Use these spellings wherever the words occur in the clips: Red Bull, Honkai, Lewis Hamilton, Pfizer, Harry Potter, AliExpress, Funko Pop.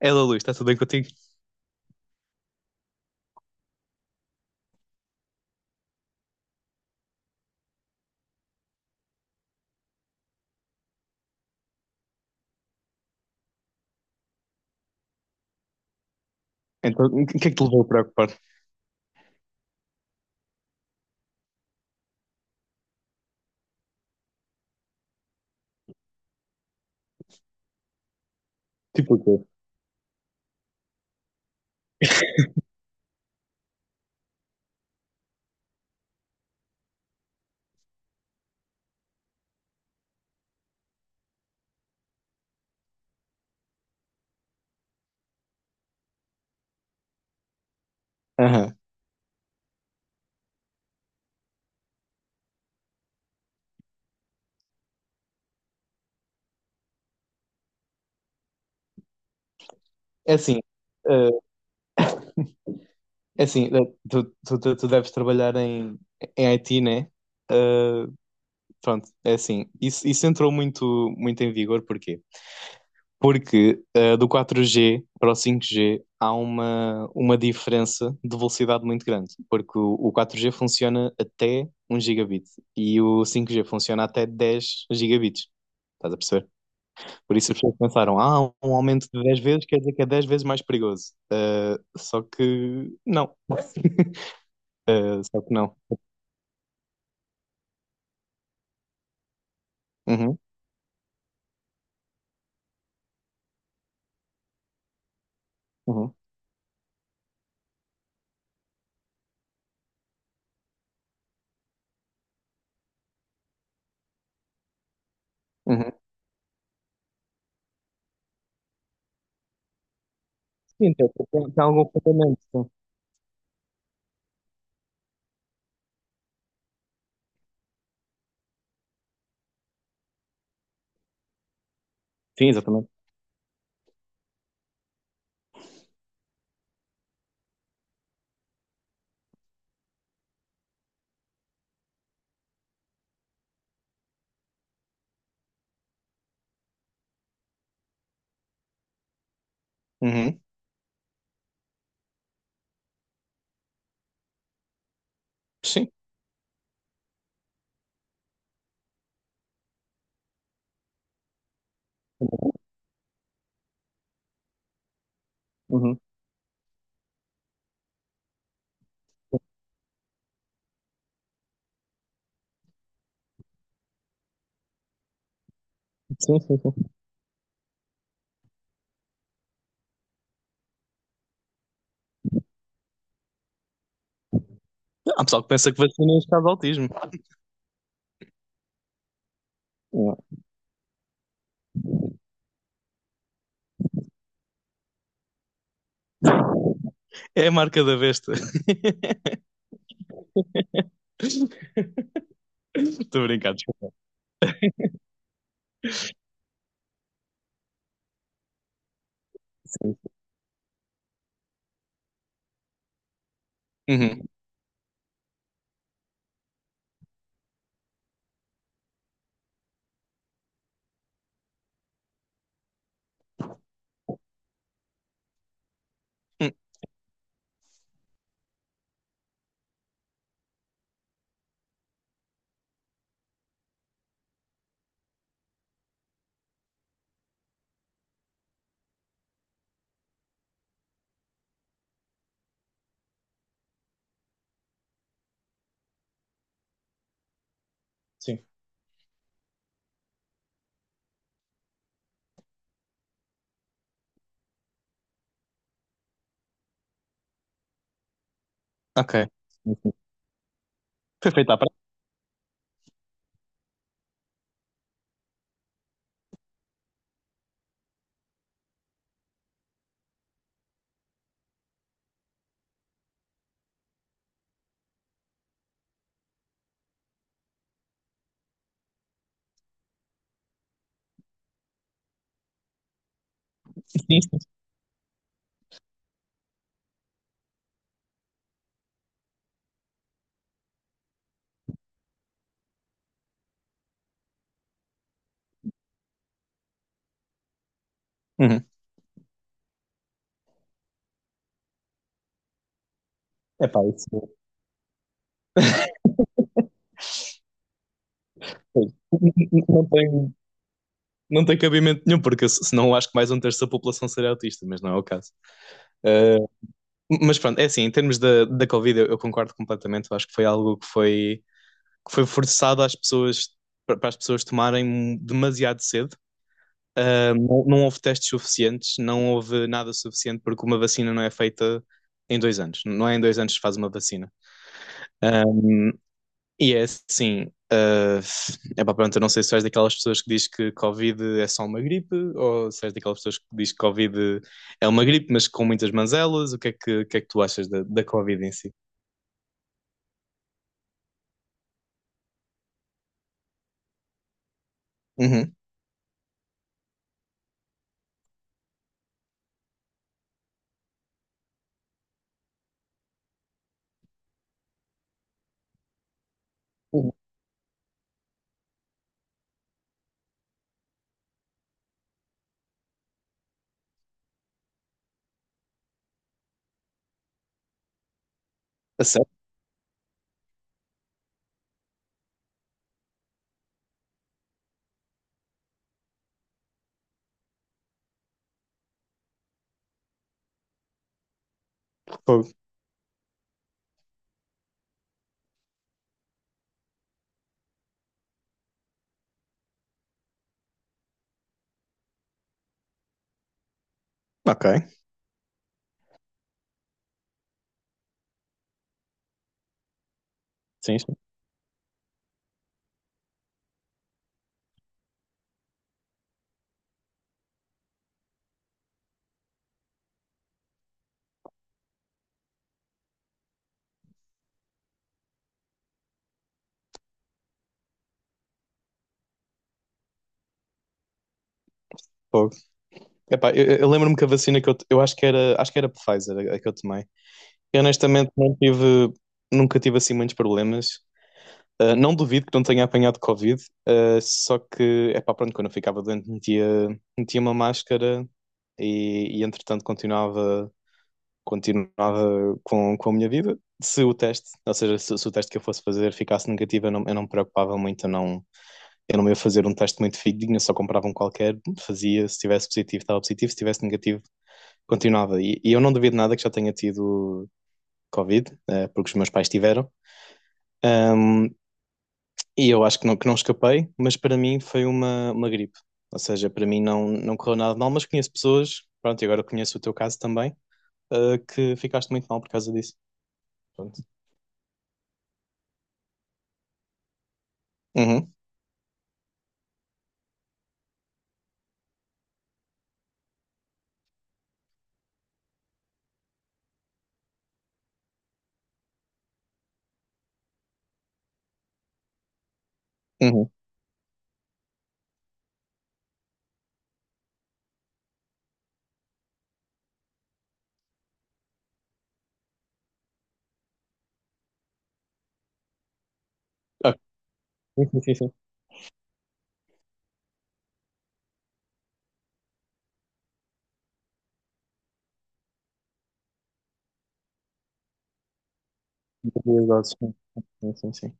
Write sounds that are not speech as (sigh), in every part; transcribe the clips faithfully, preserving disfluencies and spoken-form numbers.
Ela, Luís, está tudo bem contigo? Então, o que é que te levou a preocupar? Tipo o quê? Aham. É assim, eh, é assim, eh, tu, tu, tu, tu deves trabalhar em, em I T, né? Eh, pronto, é assim. Isso, isso entrou muito, muito em vigor, porquê? Porque eh, do quatro G para o cinco G há uma, uma diferença de velocidade muito grande, porque o, o quatro G funciona até um gigabit e o cinco G funciona até dez gigabits. Estás a perceber? Por isso as pessoas pensaram, ah, um aumento de dez vezes quer dizer que é dez vezes mais perigoso. Eh, só que não. (laughs) Eh, só que não. Uhum, uhum, uhum. Sim, tem, tem- tem algum fundamento. Sim, sim, exatamente. Uhum, sim. Uhum. Sim, sim, sim. Há pessoal que pensa que vacina é um caso de autismo. Não, é a marca da besta. (laughs) Estou a brincar. Desculpa. Sim, uhum. Hum. Sim. Ok. Enfim. Foi feita à prática. Sim, sim. Uhum. Epá, isso não tem, não tem cabimento nenhum, porque se- senão acho que mais um terço da população seria autista, mas não é o caso. Eh, mas pronto, é assim, em termos da, da Covid, eu, eu concordo completamente. Eu acho que foi algo que foi, que foi forçado às pessoas, para as pessoas tomarem demasiado cedo. Não, não houve testes suficientes, não houve nada suficiente, porque uma vacina não é feita em dois anos. Não é em dois anos que se faz uma vacina. Ah, e é assim, ah, é para pronto, eu não sei se és daquelas pessoas que diz que Covid é só uma gripe, ou se és daquelas pessoas que diz que Covid é uma gripe, mas com muitas manzelas. O que é que, o que é que tu achas da, da Covid em si? Uhum. Uhum. A sério? Fogo. Ok, sim, sim. Fogo. Epá, eu, eu lembro-me que a vacina que eu, eu acho que era, acho que era Pfizer, a, a que eu tomei. Eu honestamente não tive, nunca tive assim muitos problemas. Ah, não duvido que não tenha apanhado Covid, ah, só que, é pá, pronto, quando eu ficava doente metia, metia uma máscara e, e, entretanto continuava, continuava com, com a minha vida. Se o teste, ou seja, se, se o teste que eu fosse fazer ficasse negativo, eu não, eu não me preocupava muito, eu não, eu não ia fazer um teste muito fidedigno, eu só comprava um qualquer, fazia, se tivesse positivo estava positivo, se tivesse negativo continuava. E, e eu não duvido nada que já tenha tido Covid, eh, porque os meus pais tiveram. Ahm, e eu acho que não, que não, escapei, mas para mim foi uma, uma gripe. Ou seja, para mim não, não correu nada de mal, mas conheço pessoas, pronto, e agora conheço o teu caso também, eh, que ficaste muito mal por causa disso. Pronto. Uhum, uhum. Ah, sim, sim, sim. Sim. Duas doses, sim. Sim, sim, sim.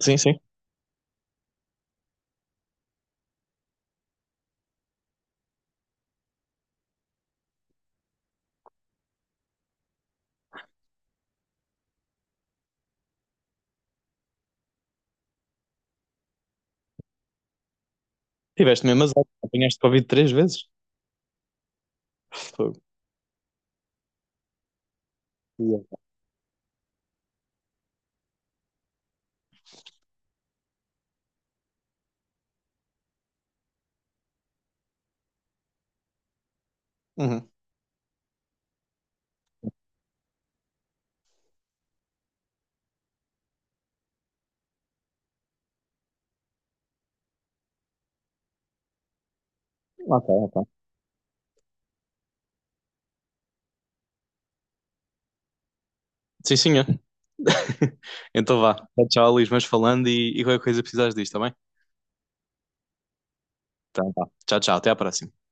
Sim, sim. Tiveste mesmo azar. Apanhaste Covid três vezes. Fogo. Yeah. Uhum. Ok, ok. Sim, senhor. (laughs) Então vá. Tchau, Luís. Mas falando e, e qualquer coisa precisares disto, tá bem? Então tá. Tchau, tchau. Até a próxima.